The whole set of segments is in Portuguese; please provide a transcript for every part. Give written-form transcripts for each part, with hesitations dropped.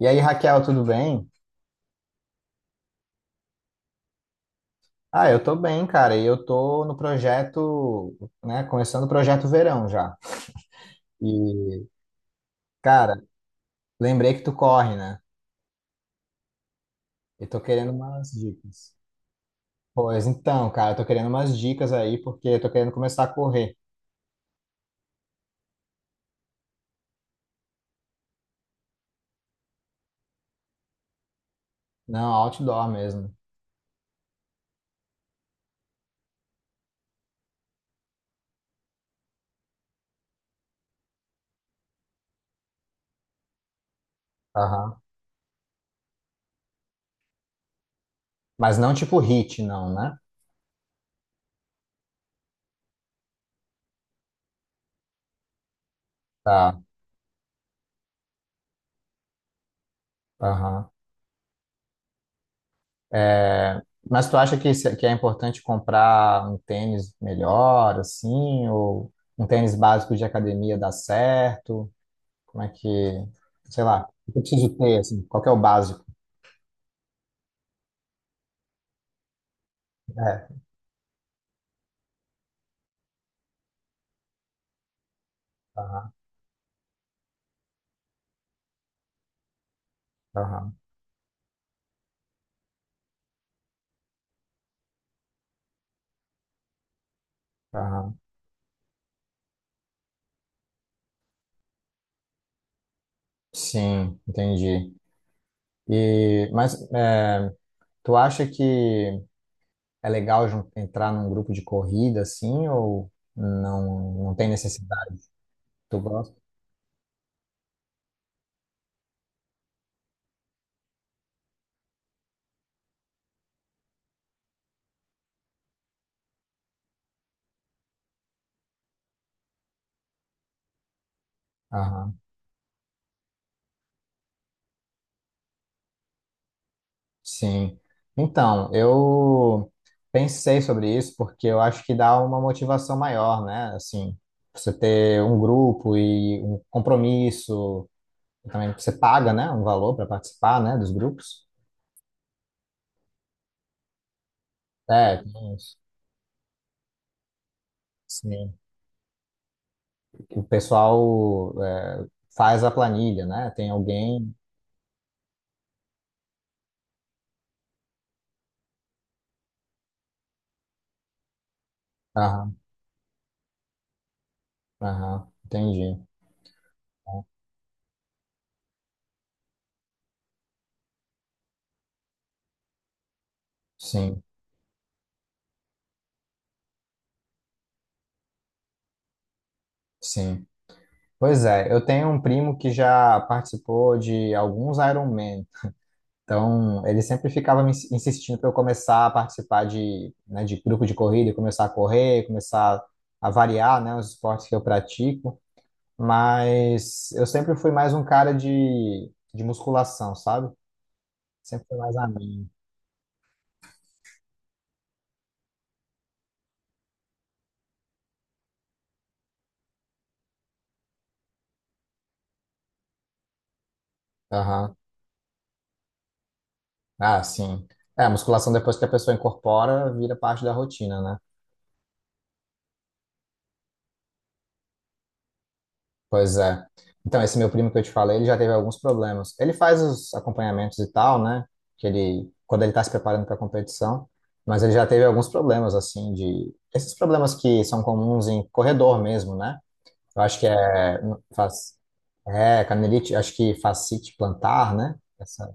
E aí, Raquel, tudo bem? Ah, eu tô bem, cara. E eu tô no projeto, né? Começando o projeto verão já. E, cara, lembrei que tu corre, né? E tô querendo umas dicas. Pois então, cara, eu tô querendo umas dicas aí, porque eu tô querendo começar a correr. Não, outdoor mesmo. Aham. Mas não tipo hit, não, né? Tá. Aham. É, Mas tu acha que, que é importante comprar um tênis melhor, assim? Ou um tênis básico de academia dá certo? Como é que, sei lá, o que eu preciso ter, assim, qual que é o básico? É, aham, aham, aham. Sim, entendi. E, mas é, tu acha que é legal entrar num grupo de corrida, assim, ou não, não tem necessidade? Tu gosta? Aham, sim. Então, eu pensei sobre isso porque eu acho que dá uma motivação maior, né? Assim, você ter um grupo e um compromisso, também você paga, né, um valor para participar, né, dos grupos. É, tem uns- sim. O pessoal é, faz a planilha, né? Tem alguém. Aham, aham, entendi. Sim, sim. Pois é, eu tenho um primo que já participou de alguns Ironman. Então, ele sempre ficava me insistindo para eu começar a participar de, né, de grupo de corrida, começar a correr, começar a variar, né, os esportes que eu pratico. Mas eu sempre fui mais um cara de musculação, sabe? Sempre fui mais a mim. Aham. Ah, sim. É, a musculação depois que a pessoa incorpora, vira parte da rotina, né? Pois é. Então, esse meu primo que eu te falei, ele já teve alguns problemas. Ele faz os acompanhamentos e tal, né? Que ele, quando ele tá se preparando para a competição, mas ele já teve alguns problemas, assim, de. Esses problemas que são comuns em corredor mesmo, né? Eu acho que é faz é canelite, acho que fascite plantar, né? Essa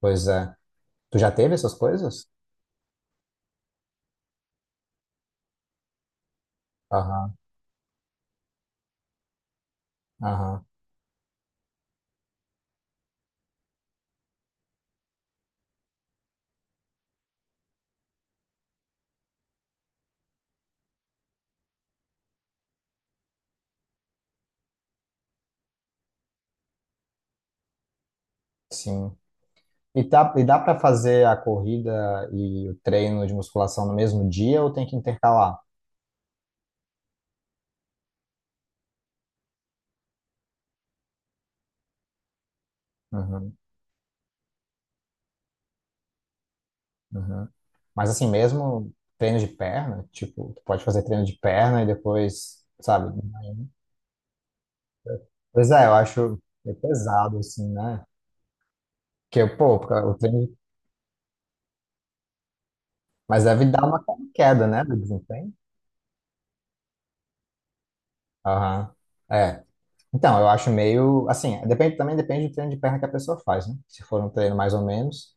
coisa. Tu já teve essas coisas? Aham, aham, sim. E, tá, e dá para fazer a corrida e o treino de musculação no mesmo dia ou tem que intercalar? Uhum, uhum. Mas assim, mesmo treino de perna, tipo, tu pode fazer treino de perna e depois, sabe? Pois é, eu acho meio pesado, assim, né? Porque, pô, o treino. Mas deve dar uma queda, né, do desempenho. Aham. É. Então, eu acho meio, assim, depende, também depende do treino de perna que a pessoa faz, né? Se for um treino mais ou menos,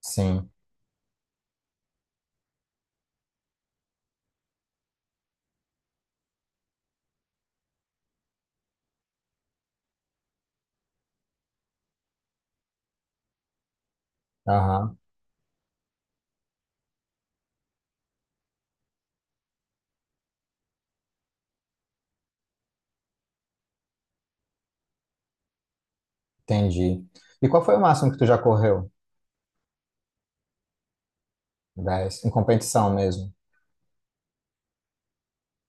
sim. Aham, entendi. E qual foi o máximo que tu já correu? 10 em competição mesmo.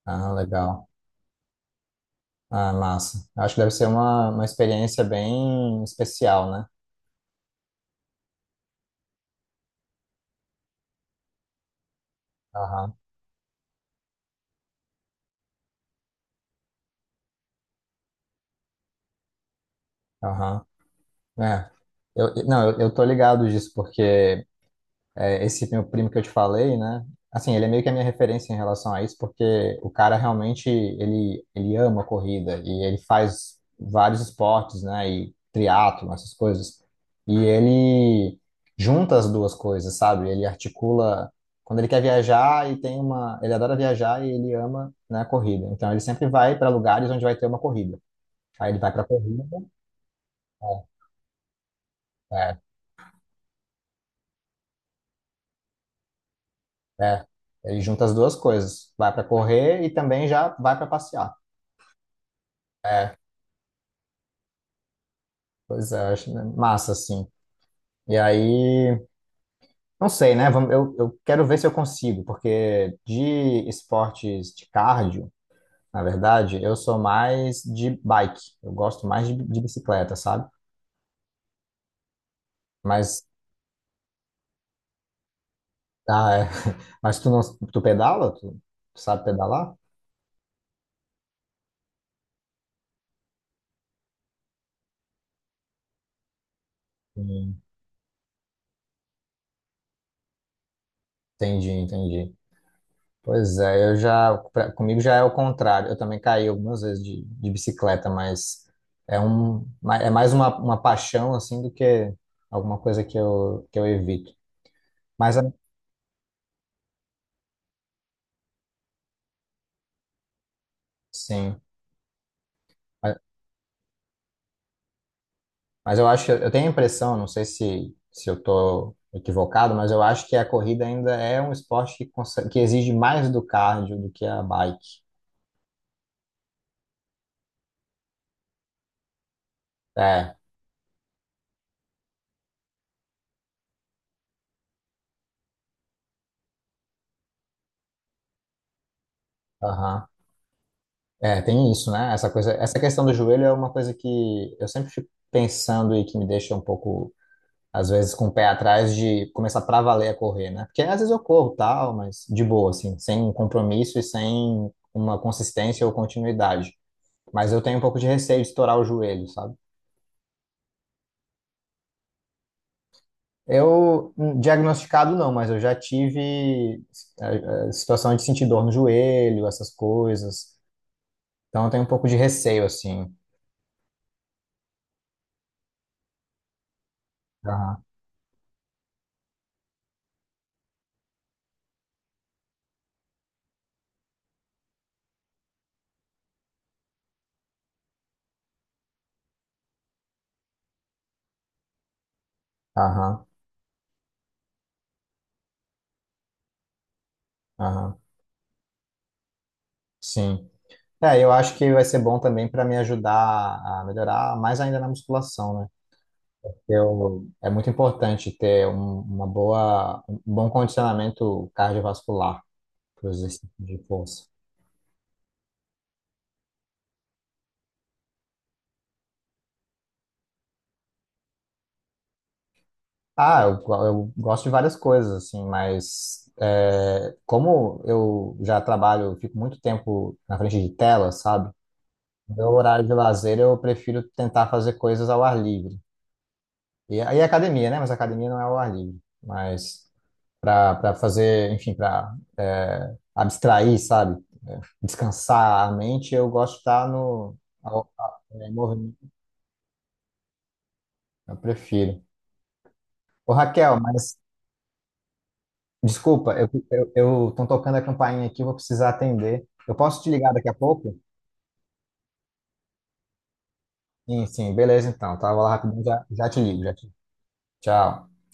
Ah, legal. Ah, massa. Acho que deve ser uma experiência bem especial, né? Aham, aham. É. Não, eu tô ligado disso, porque é, esse meu primo que eu te falei, né? Assim, ele é meio que a minha referência em relação a isso, porque o cara realmente, ele ama a corrida e ele faz vários esportes, né? E triatlo, essas coisas. E ele junta as duas coisas, sabe? Ele articula quando ele quer viajar e tem uma, ele adora viajar e ele ama, né, a corrida. Então ele sempre vai para lugares onde vai ter uma corrida. Aí ele vai para corrida, é, é, é. Ele junta as duas coisas, vai para correr e também já vai para passear. Pois é, acho né, massa, assim. E aí, não sei, né? Eu quero ver se eu consigo, porque de esportes de cardio, na verdade, eu sou mais de bike. Eu gosto mais de bicicleta, sabe? Mas, ah, é. Mas tu não, tu pedala? Tu sabe pedalar? Hum, Entendi, entendi. Pois é, comigo já é o contrário. Eu também caí algumas vezes de bicicleta, mas é um, é mais uma paixão assim do que alguma coisa que eu evito. Mas a- sim, mas, mas eu acho que eu tenho a impressão, não sei se eu tô equivocado, mas eu acho que a corrida ainda é um esporte que exige mais do cardio do que a bike. É, aham. É, tem isso, né? Essa questão do joelho é uma coisa que eu sempre fico pensando e que me deixa um pouco às vezes com o pé atrás de começar pra valer a correr, né? Porque às vezes eu corro tal, mas de boa, assim, sem compromisso e sem uma consistência ou continuidade. Mas eu tenho um pouco de receio de estourar o joelho, sabe? Diagnosticado não, mas eu já tive situação de sentir dor no joelho, essas coisas. Então eu tenho um pouco de receio, assim. Aham, aham, aham, sim. É, eu acho que vai ser bom também para me ajudar a melhorar mais ainda na musculação, né? Eu, é muito importante ter uma boa, um bom condicionamento cardiovascular para os exercícios de força. Eu gosto de várias coisas, assim, mas é, como eu já trabalho, eu fico muito tempo na frente de tela, sabe? No meu horário de lazer eu prefiro tentar fazer coisas ao ar livre. E aí é academia, né? Mas academia não é ao ar livre. Mas para fazer, enfim, para abstrair, sabe? Descansar a mente, eu gosto de estar no movimento. Eu prefiro. Ô, Raquel, mas desculpa, eu tô tocando a campainha aqui, vou precisar atender. Eu posso te ligar daqui a pouco? Sim, sim, beleza então. Tá, vou lá rapidinho, já te ligo, já te... Tchau.